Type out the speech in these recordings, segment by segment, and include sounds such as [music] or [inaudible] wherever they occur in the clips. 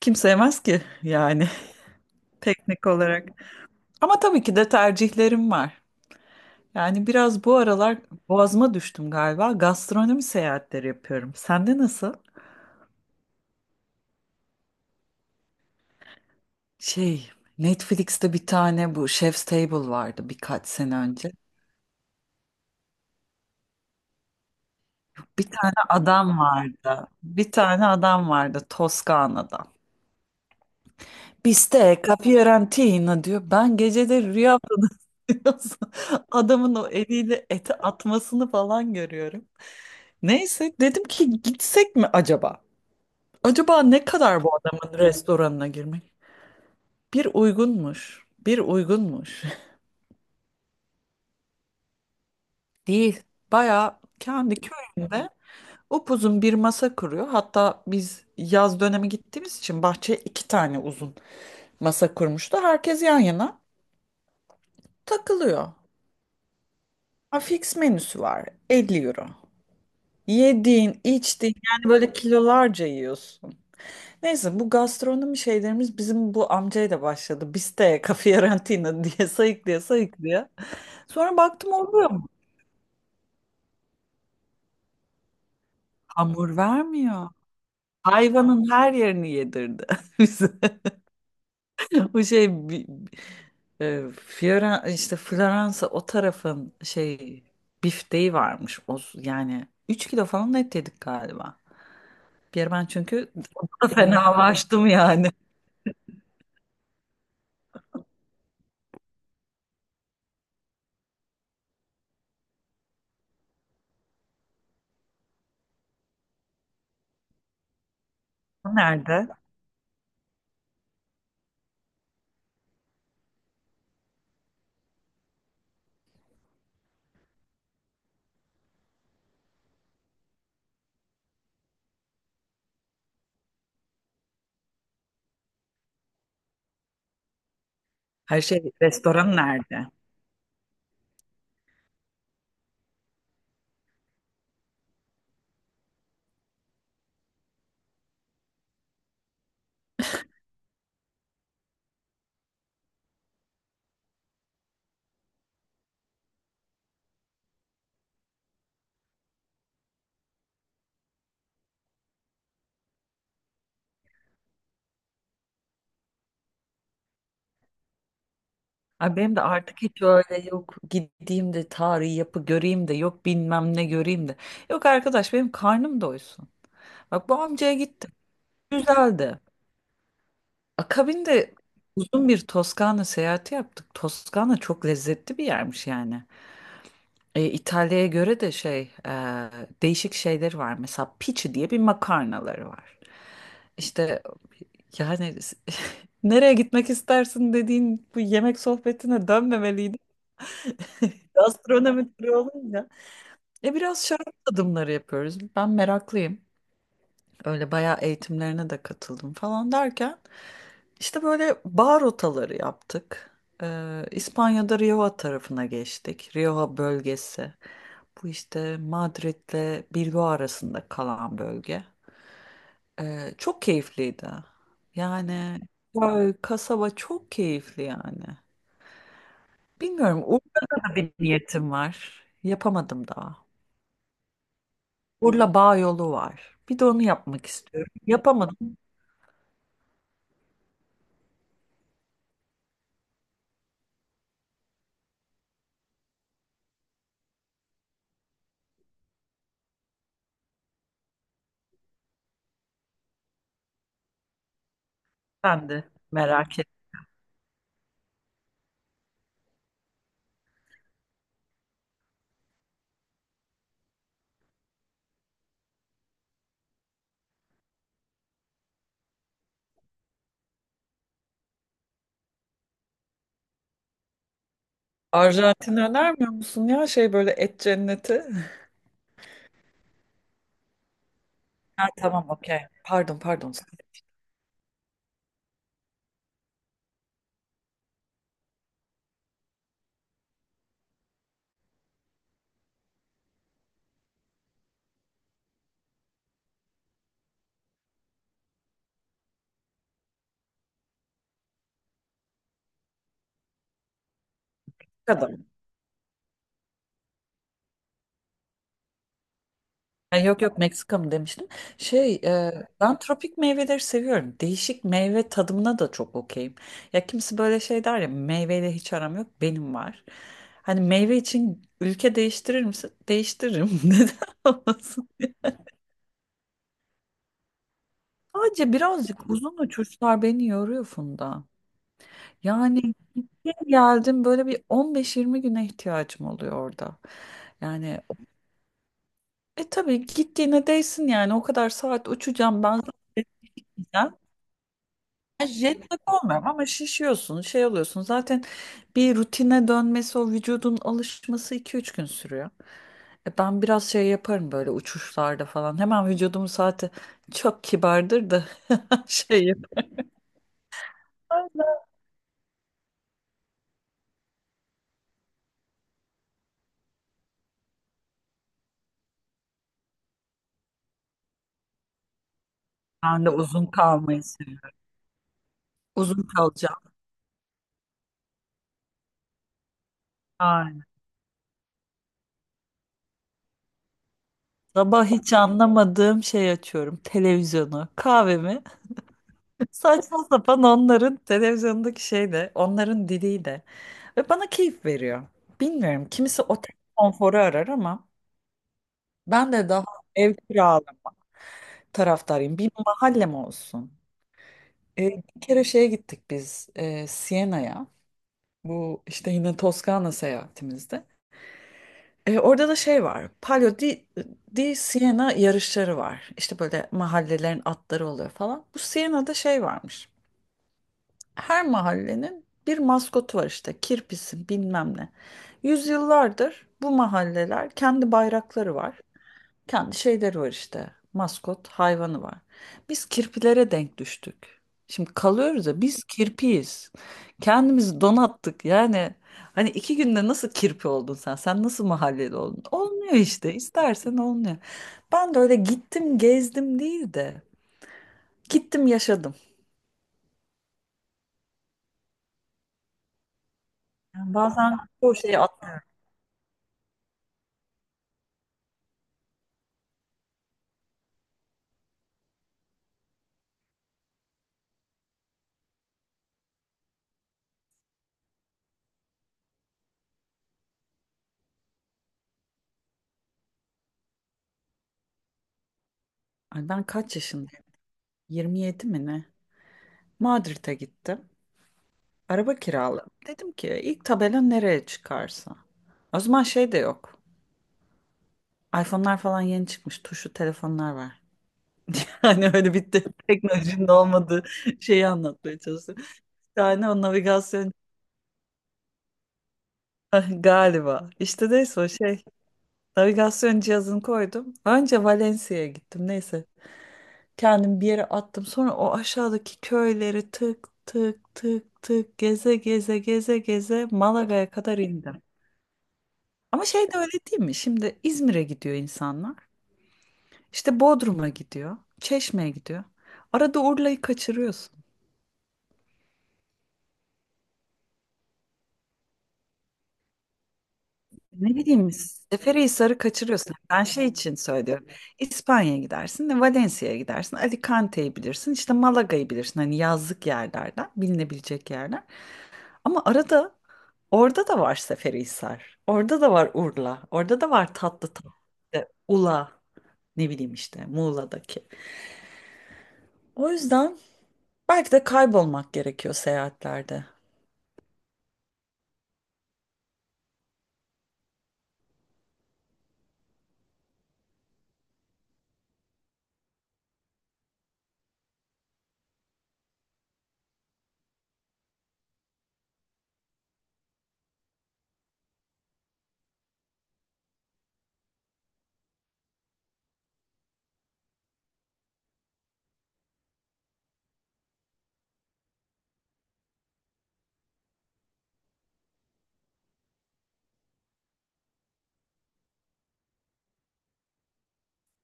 Kim sevmez ki yani [laughs] teknik olarak. Ama tabii ki de tercihlerim var. Yani biraz bu aralar boğazıma düştüm galiba. Gastronomi seyahatleri yapıyorum. Sende nasıl? Şey, Netflix'te bir tane bu Chef's Table vardı birkaç sene önce. Bir tane adam vardı. Bir tane adam vardı Toskana'da. Bistec, capirantina diyor. Ben geceleri rüyamda [laughs] diyorsun. Adamın o eliyle eti atmasını falan görüyorum. Neyse dedim ki gitsek mi acaba? Acaba ne kadar bu adamın restoranına girmek? Bir uygunmuş. Bir uygunmuş. [laughs] Değil. Bayağı kendi köyünde upuzun bir masa kuruyor. Hatta biz yaz dönemi gittiğimiz için bahçeye iki tane uzun masa kurmuştu. Herkes yan yana takılıyor. Ha, fix menüsü var. 50€. Yediğin, içtiğin yani böyle kilolarca yiyorsun. Neyse bu gastronomi şeylerimiz bizim bu amcayla başladı. Biste, Fiorentina diye [laughs] sayıklaya sayıklaya. Sonra baktım oluyor mu? Hamur vermiyor. Hayvanın her yerini yedirdi [laughs] bize. Bu şey e, işte Floransa o tarafın şey bifteği varmış. O, yani 3 kilo falan et yedik galiba. Bir ara ben çünkü [laughs] fenalaştım yani. Nerede? Her şey restoran nerede? Ay benim de artık hiç öyle yok gideyim de tarihi yapı göreyim de yok bilmem ne göreyim de. Yok arkadaş benim karnım doysun. Bak bu amcaya gittim. Güzeldi. Akabinde uzun bir Toskana seyahati yaptık. Toskana çok lezzetli bir yermiş yani. E, İtalya'ya göre de şey e, değişik şeyleri var. Mesela pici diye bir makarnaları var. İşte yani [laughs] nereye gitmek istersin dediğin bu yemek sohbetine dönmemeliydi. [laughs] Gastronomi turu olunca. E biraz şarap tadımları yapıyoruz. Ben meraklıyım. Öyle bayağı eğitimlerine de katıldım falan derken işte böyle bar rotaları yaptık. İspanya'da Rioja tarafına geçtik. Rioja bölgesi. Bu işte Madrid'le Bilbao arasında kalan bölge. Çok keyifliydi. Yani köy, kasaba çok keyifli yani. Bilmiyorum. Urla'da da bir niyetim var. Yapamadım daha. Urla Bağ yolu var. Bir de onu yapmak istiyorum. Yapamadım. Ben de merak ettim. Arjantin önermiyor musun ya şey böyle et cenneti? [laughs] Ha, tamam okey. Pardon pardon. Meksika'da mı? Ha, yok yok Meksika mı demiştim. Şey ben tropik meyveleri seviyorum. Değişik meyve tadımına da çok okeyim. Ya kimse böyle şey der ya meyveyle hiç aram yok benim var. Hani meyve için ülke değiştirir misin? Değiştiririm. [laughs] Neden olmasın? Sadece birazcık uzun uçuşlar beni yoruyor Funda. Yani bir geldim böyle bir 15-20 güne ihtiyacım oluyor orada. Yani e tabii gittiğine değsin yani o kadar saat uçacağım ben zaten. Gideceğim. Yani Jet lag olmuyorum ama şişiyorsun şey oluyorsun zaten bir rutine dönmesi o vücudun alışması 2-3 gün sürüyor. E ben biraz şey yaparım böyle uçuşlarda falan hemen vücudumun saati çok kibardır da [laughs] şey yaparım. Ben de uzun kalmayı seviyorum. Uzun kalacağım. Aynen. Sabah hiç anlamadığım şey açıyorum. Televizyonu, kahvemi. [laughs] Saçma sapan onların televizyondaki şey de, onların diliyle. Ve bana keyif veriyor. Bilmiyorum. Kimisi otel konforu arar ama ben de daha ev kiralama taraftarıyım. Bir mahallem olsun. Bir kere şeye gittik biz Siena'ya. Bu işte yine Toskana seyahatimizde. E, orada da şey var. Palio di Siena yarışları var. İşte böyle mahallelerin atları oluyor falan. Bu Siena'da şey varmış. Her mahallenin bir maskotu var işte. Kirpisi bilmem ne. Yüzyıllardır bu mahalleler kendi bayrakları var kendi şeyleri var işte. Maskot hayvanı var. Biz kirpilere denk düştük. Şimdi kalıyoruz ya biz kirpiyiz. Kendimizi donattık. Yani hani iki günde nasıl kirpi oldun sen? Sen nasıl mahalleli oldun? Olmuyor işte. İstersen olmuyor. Ben de öyle gittim gezdim değil de gittim yaşadım. Yani bazen o şeyi at. Ay ben kaç yaşındayım? 27 mi ne? Madrid'e gittim. Araba kiraladım. Dedim ki ilk tabela nereye çıkarsa. O zaman şey de yok. iPhone'lar falan yeni çıkmış. Tuşlu telefonlar var. [laughs] Hani öyle bitti. Teknolojinin olmadığı şeyi anlatmaya çalıştım. Yani o navigasyon [laughs] galiba. İşte neyse o şey. Navigasyon cihazını koydum. Önce Valencia'ya gittim. Neyse. Kendimi bir yere attım. Sonra o aşağıdaki köyleri tık tık tık tık geze geze geze geze Malaga'ya kadar indim. Ama şey de öyle değil mi? Şimdi İzmir'e gidiyor insanlar. İşte Bodrum'a gidiyor. Çeşme'ye gidiyor. Arada Urla'yı kaçırıyorsun. Ne bileyim Seferihisar'ı kaçırıyorsun. Ben şey için söylüyorum. İspanya'ya gidersin de Valencia'ya gidersin. Alicante'yi bilirsin. İşte Malaga'yı bilirsin. Hani yazlık yerlerden, bilinebilecek yerler. Ama arada orada da var Seferihisar. Orada da var Urla. Orada da var tatlı tatlı. İşte Ula. Ne bileyim işte Muğla'daki. O yüzden belki de kaybolmak gerekiyor seyahatlerde.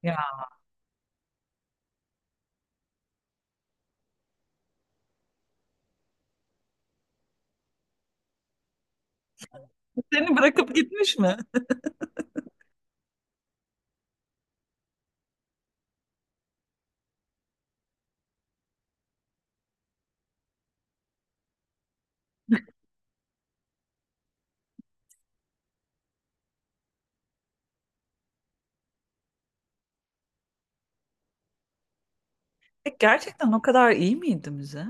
Ya. Seni bırakıp gitmiş mi? Gerçekten o kadar iyi miydi müze?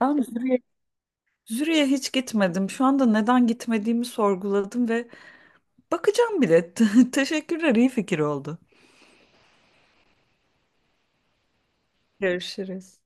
Ben bir sürü Züriye hiç gitmedim. Şu anda neden gitmediğimi sorguladım ve bakacağım bile. [laughs] Teşekkürler, iyi fikir oldu. Görüşürüz.